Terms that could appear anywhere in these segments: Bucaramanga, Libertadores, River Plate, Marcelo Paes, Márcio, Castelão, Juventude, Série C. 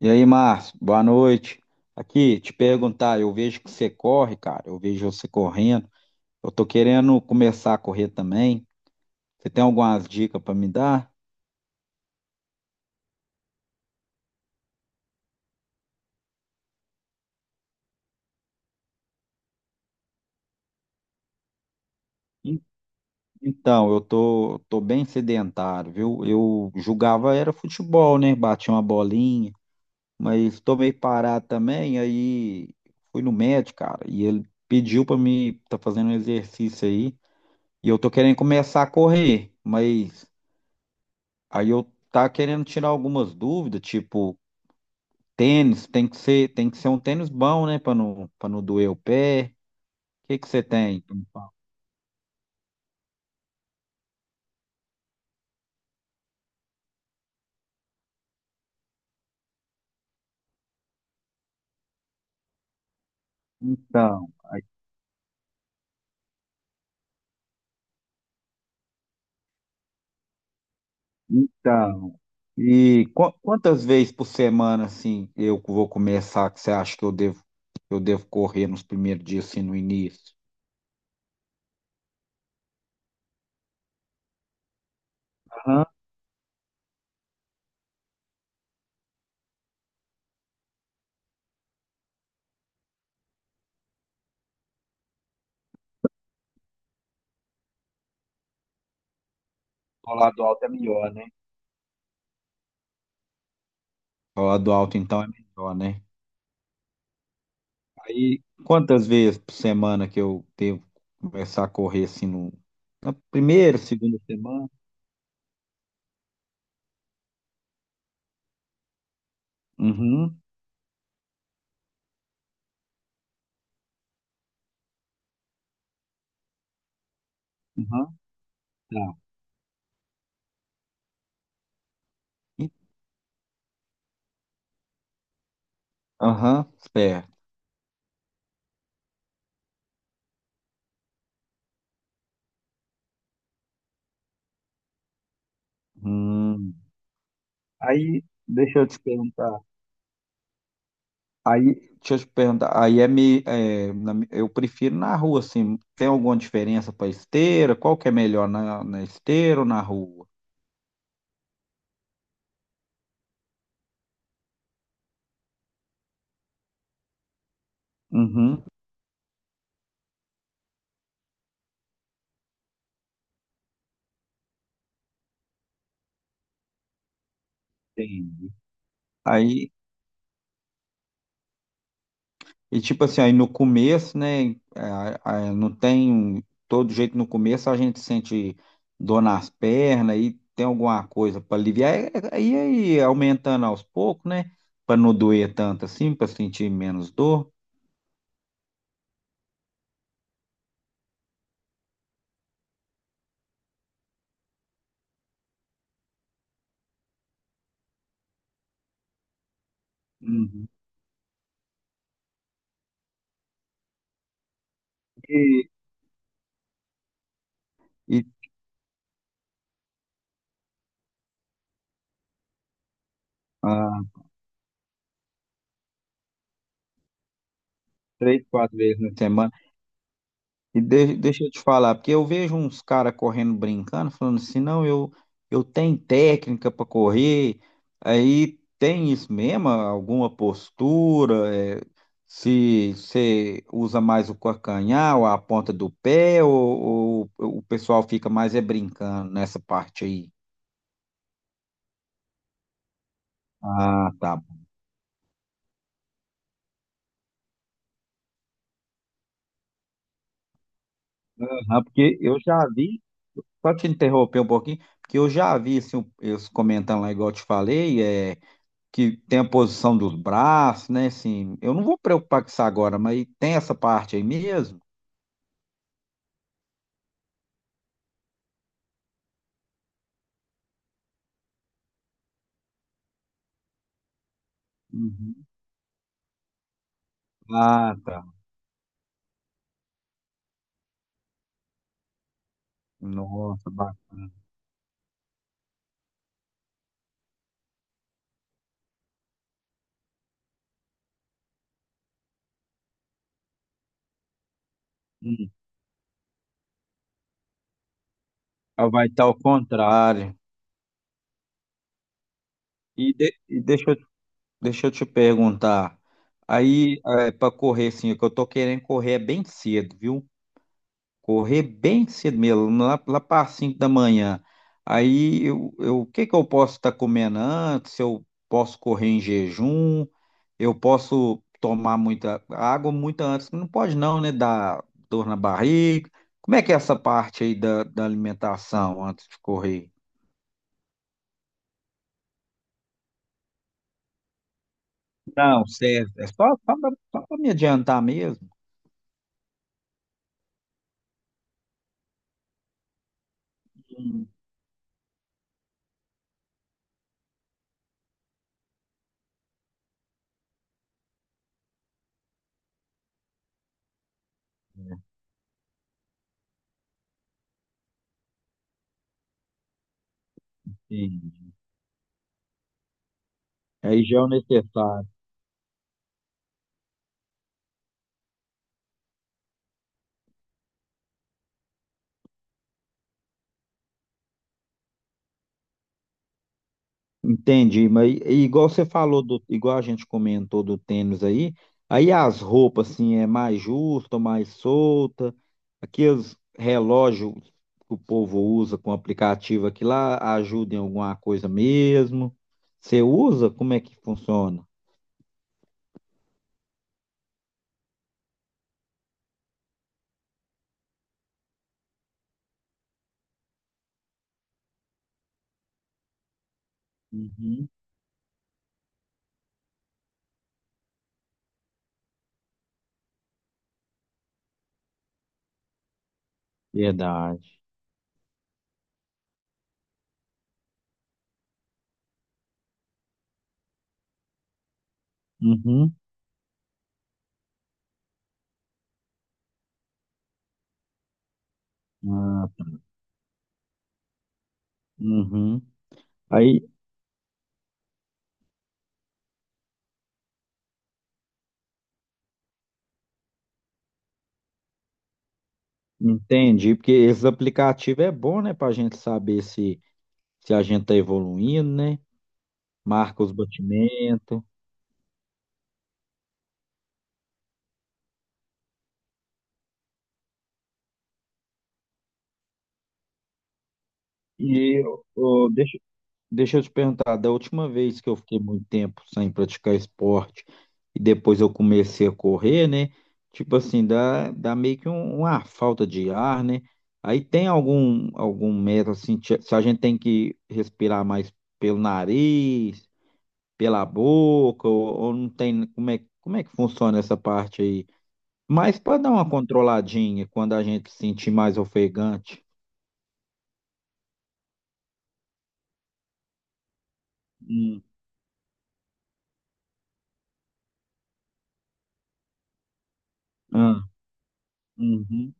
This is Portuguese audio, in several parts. E aí, Márcio, boa noite. Aqui, te perguntar, eu vejo que você corre, cara, eu vejo você correndo. Eu tô querendo começar a correr também. Você tem algumas dicas para me dar? En- Então, eu tô bem sedentário, viu? Eu julgava era futebol, né? Bati uma bolinha, mas tô meio parado também. Aí fui no médico, cara, e ele pediu para me tá fazendo um exercício aí. E eu tô querendo começar a correr, mas Aí eu tá querendo tirar algumas dúvidas, tipo, tênis, tem que ser um tênis bom, né, para não doer o pé. O que que você tem pra me falar? Então, aí- então. E quantas vezes por semana assim eu vou começar que você acha que eu devo correr nos primeiros dias assim no início? Aham. O lado alto é melhor, né? O lado alto então é melhor, né? Aí quantas vezes por semana que eu devo começar a correr assim no na primeira, segunda semana? Uhum, uhum, tá. E- Aham, certo. Hum. Aí, deixa eu te perguntar. Aí, deixa eu te perguntar. Aí é me, é, na mi- Eu prefiro na rua, assim. Tem alguma diferença para esteira? Qual que é melhor na esteira ou na rua? Uhum, entendi. Aí, e tipo assim, aí no começo, né, não tem um, todo jeito no começo, a gente sente dor nas pernas e tem alguma coisa para aliviar, aí aumentando aos poucos, né, para não doer tanto assim, para sentir menos dor. Uhum. E, e ah, Três, quatro vezes na semana. Deixa eu te falar, porque eu vejo uns caras correndo brincando, falando assim, não, eu tenho técnica para correr, aí tem isso mesmo, alguma postura, se você usa mais o calcanhar ou a ponta do pé, ou o pessoal fica mais é brincando nessa parte aí. Ah, tá. Aham, porque eu já vi, só te interromper um pouquinho, porque eu já vi assim, eles comentando lá, igual eu te falei. Que tem a posição dos braços, né? Assim, eu não vou preocupar com isso agora, mas tem essa parte aí mesmo? Uhum. Ah, tá. Nossa, hum. Ah, vai estar ao contrário. E, de- e deixa, eu- deixa eu te perguntar. Aí, para correr, assim, o que eu tô querendo correr é bem cedo, viu? Correr bem cedo mesmo, lá para 5 da manhã. Aí, o que que eu posso estar comendo antes? Eu posso correr em jejum, eu posso tomar muita água muito antes. Não pode não, né? Dar dor na barriga. Como é que é essa parte aí da alimentação antes de correr? Não, serve. É só para me adiantar mesmo. Sim. Sim. Aí já é o necessário. Entendi, mas igual a gente comentou do tênis aí, aí as roupas assim é mais justa, mais solta, aqueles relógios que o povo usa com aplicativo aqui lá ajuda em alguma coisa mesmo. Você usa? Como é que funciona? Uhum. Verdade. Uhum. Ah, uhum. Aí entendi, porque esses aplicativos é bom, né, para a gente saber se a gente tá evoluindo, né? Marca os batimentos. E ô, deixa eu te perguntar, da última vez que eu fiquei muito tempo sem praticar esporte e depois eu comecei a correr, né? Tipo assim, dá meio que uma falta de ar, né? Aí tem algum método, assim, se a gente tem que respirar mais pelo nariz, pela boca, ou não tem, como é que funciona essa parte aí? Mas para dar uma controladinha quando a gente se sentir mais ofegante. Hum. Ah, uhum.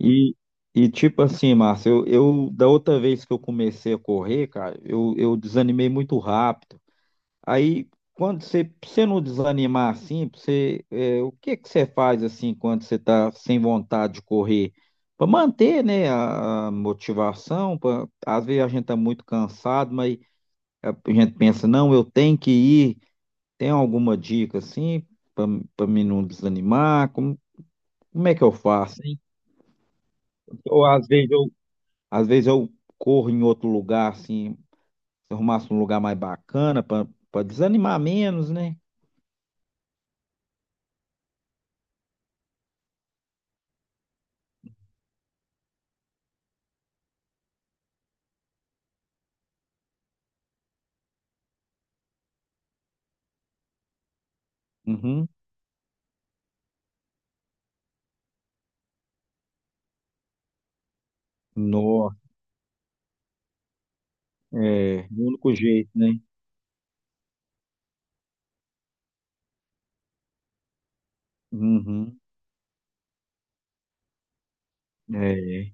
E, tipo assim, Márcio, eu da outra vez que eu comecei a correr, cara, eu desanimei muito rápido. Aí, pra você não desanimar assim, o que que você faz assim quando você tá sem vontade de correr? Para manter, né, a motivação, às vezes a gente tá muito cansado, mas a gente pensa, não, eu tenho que ir. Tem alguma dica assim para para mim não desanimar? Como é que eu faço, hein? Ou às vezes eu Às vezes eu corro em outro lugar, assim, se eu arrumasse um lugar mais bacana para desanimar menos, né? Uhum. Nó, é, o único jeito, né? Uhum. É.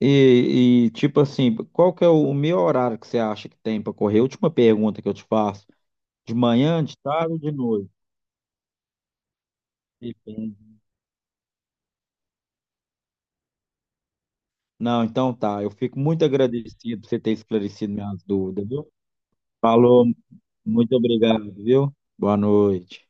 Tipo assim, qual que é o meu horário que você acha que tem para correr? Última pergunta que eu te faço. De manhã, de tarde ou de noite? Depende. Não, então tá. Eu fico muito agradecido por você ter esclarecido minhas dúvidas, viu? Falou, muito obrigado, viu? Boa noite.